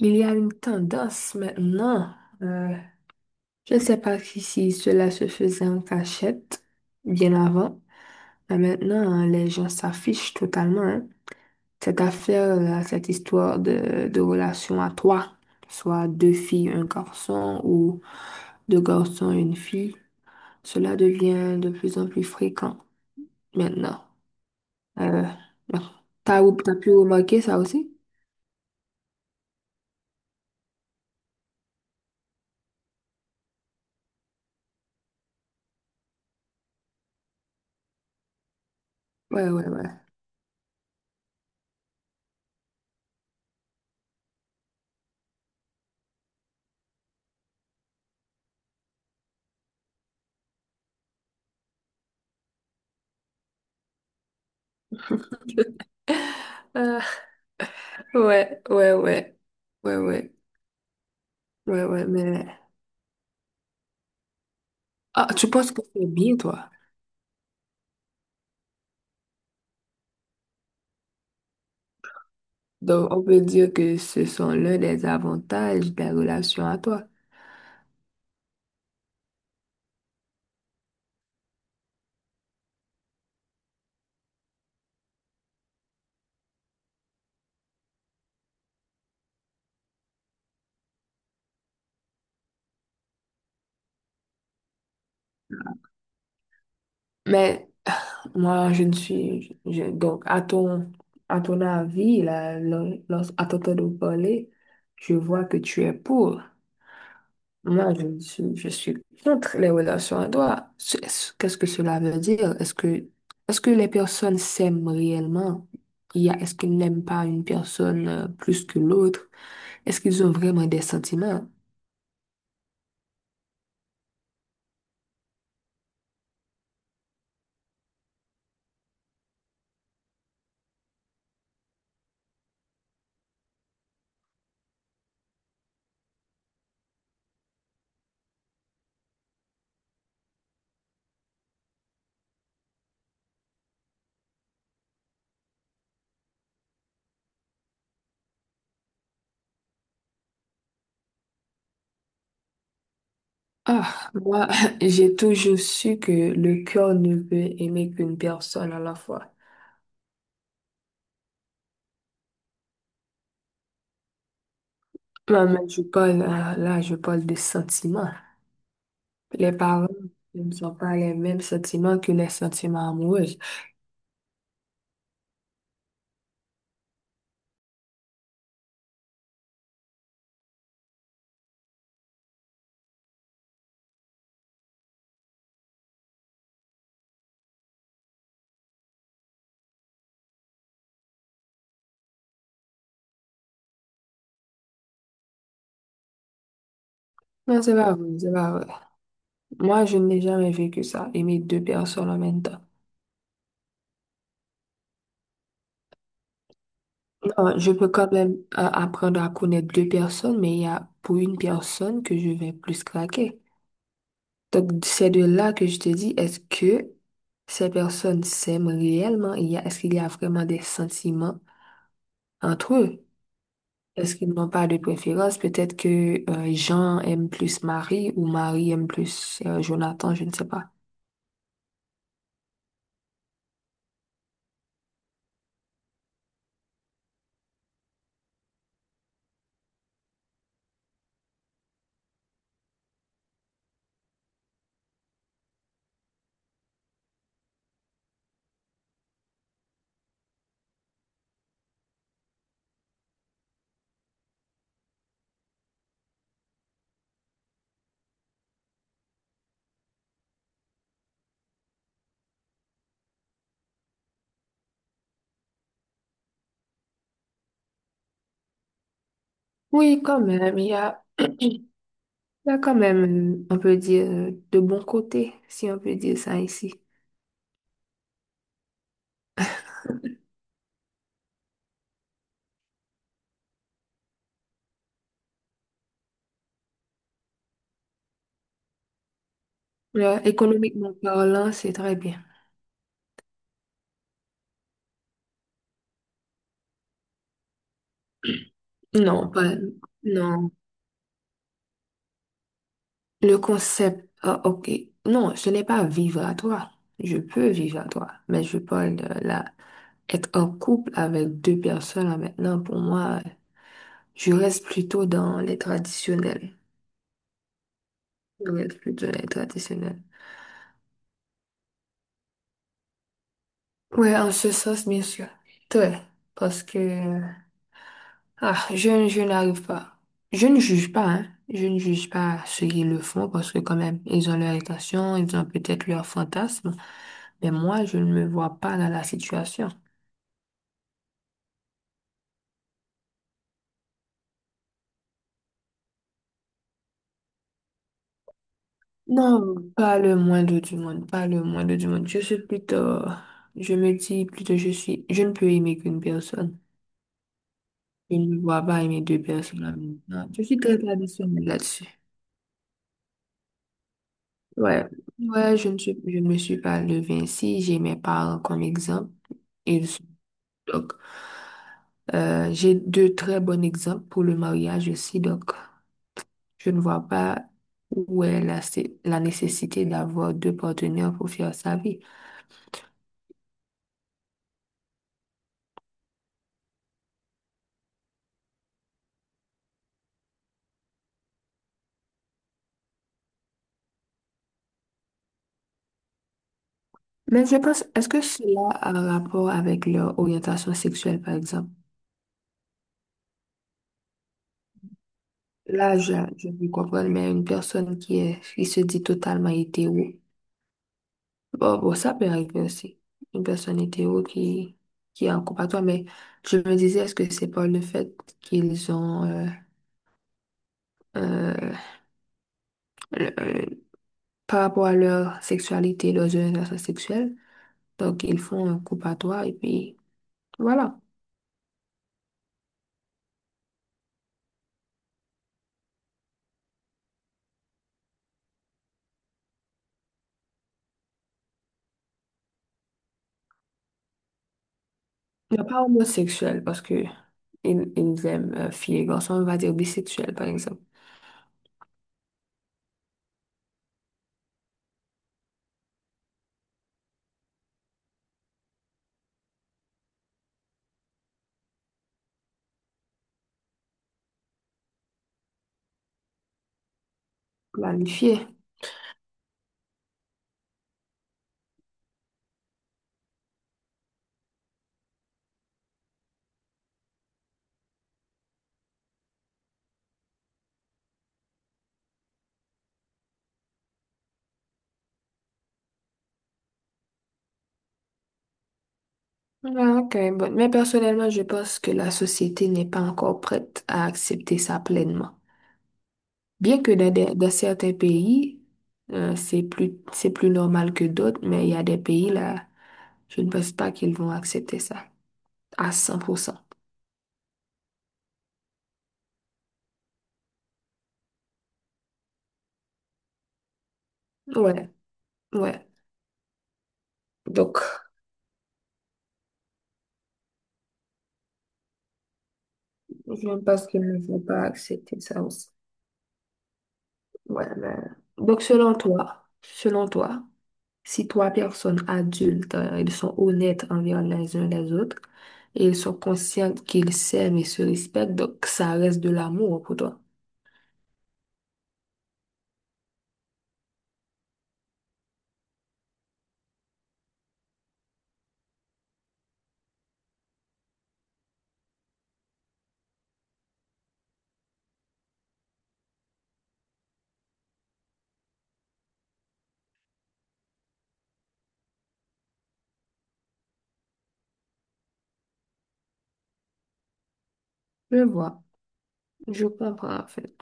Il y a une tendance maintenant, euh, je ne sais pas si cela se faisait en cachette bien avant, mais maintenant hein, les gens s'affichent totalement, hein. Cette affaire, là, cette histoire de relation à trois, soit deux filles, un garçon ou deux garçons, une fille, cela devient de plus en plus fréquent maintenant. Euh, bon. T'as pu remarquer ça aussi? Ouais, ouais, ouais. Ouais, ouais, ouais. Ouais, ouais. Ouais, ouais, mais... Ah, tu penses que c'est bien, toi? Donc, on peut dire que ce sont l'un des avantages de la relation à toi. Mais moi, je ne suis... je- Donc, à ton avis, là, à t'entendre parler, je vois que tu es pour. Moi, je suis contre les relations à droit. Qu'est-ce que cela veut dire? Est-ce que les personnes s'aiment réellement? Est-ce qu'ils n'aiment pas une personne plus que l'autre? Est-ce qu'ils ont vraiment des sentiments? Ah, moi, j'ai toujours su que le cœur ne peut aimer qu'une personne à la fois. Moi, mais je parle, là, je parle de sentiments. Les parents ne sont pas les mêmes sentiments que les sentiments amoureux. Non, c'est pas vrai, c'est pas vrai. Moi, je n'ai jamais vécu ça, aimer deux personnes en même temps. Non, ouais, je peux quand même apprendre à connaître deux personnes, mais il y a pour une personne que je vais plus craquer. Donc, c'est de là que je te dis, est-ce que ces personnes s'aiment réellement? Est-ce qu'il y a vraiment des sentiments entre eux? Est-ce qu'ils n'ont pas de préférence? Peut-être que Jean aime plus Marie ou Marie aime plus Jonathan, je ne sais pas. Oui, quand même, il y a... Il y a quand même, on peut dire, de bons côtés, si on peut dire ça ici. Là, économiquement parlant, c'est très bien. Non, pas, non. Le concept, ah, ok. Non, ce n'est pas vivre à toi. Je peux vivre à toi, mais je parle être en couple avec deux personnes là, maintenant. Pour moi, je reste plutôt dans les traditionnels. Je reste plutôt dans les traditionnels. Ouais, en ce sens, bien sûr. Très. Parce que ah, je n'arrive pas. Je ne juge pas, hein. Je ne juge pas ceux qui le font parce que quand même, ils ont leur intention, ils ont peut-être leur fantasme. Mais moi, je ne me vois pas dans la situation. Non, pas le moindre du monde, pas le moindre du monde. Je suis plutôt, je me dis plutôt, je ne peux aimer qu'une personne. Je ne me vois pas aimer deux personnes en même temps. Je suis très traditionnelle là-dessus. Ouais, ouais, je ne me suis pas levée ainsi. J'ai mes parents comme exemple. Ils Donc, j'ai deux très bons exemples pour le mariage aussi. Donc, je ne vois pas où est la nécessité d'avoir deux partenaires pour faire sa vie. Mais je pense, est-ce que cela a un rapport avec leur orientation sexuelle, par exemple? Là, je peux comprendre, mais une personne qui est, qui se dit totalement hétéro, bon, bon, ça peut arriver aussi. Une personne hétéro qui est en couple à toi, mais je me disais, est-ce que c'est pas le fait qu'ils ont, euh, le- euh, par rapport à leur sexualité, leurs orientations sexuelles. Donc, ils font un coup à toi et puis voilà. Mais pas homosexuel parce que ils aiment filles et garçons, on va dire bisexuels par exemple. Planifié. Ah, ok, bon. Mais personnellement, je pense que la société n'est pas encore prête à accepter ça pleinement. Bien que dans certains pays, c'est plus normal que d'autres, mais il y a des pays là, je ne pense pas qu'ils vont accepter ça à 100%. Ouais. Ouais. Donc, je ne pense qu'ils ne vont pas accepter ça aussi. Ouais, mais... Donc, selon toi, si trois personnes adultes, ils sont honnêtes envers les uns les autres et ils sont conscients qu'ils s'aiment et se respectent, donc ça reste de l'amour pour toi. Je vois. Je comprends, en fait.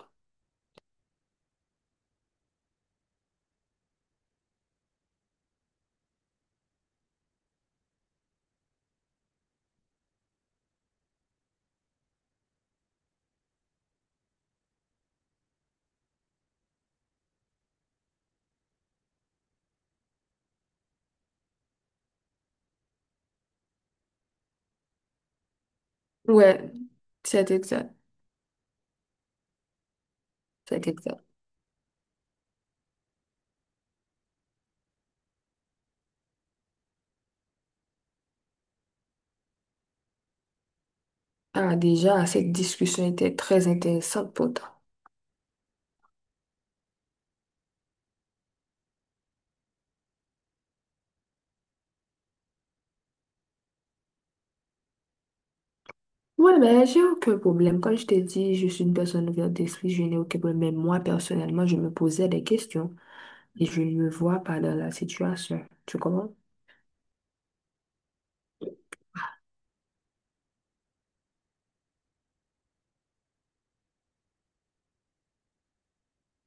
Ouais, c'est exact. C'est exact. Ah, déjà, cette discussion était très intéressante pour toi. Ouais, mais j'ai aucun problème. Comme je t'ai dit, je suis une personne ouverte d'esprit, je n'ai aucun problème. Mais moi, personnellement, je me posais des questions et je ne me vois pas dans la situation. Tu comprends?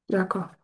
D'accord.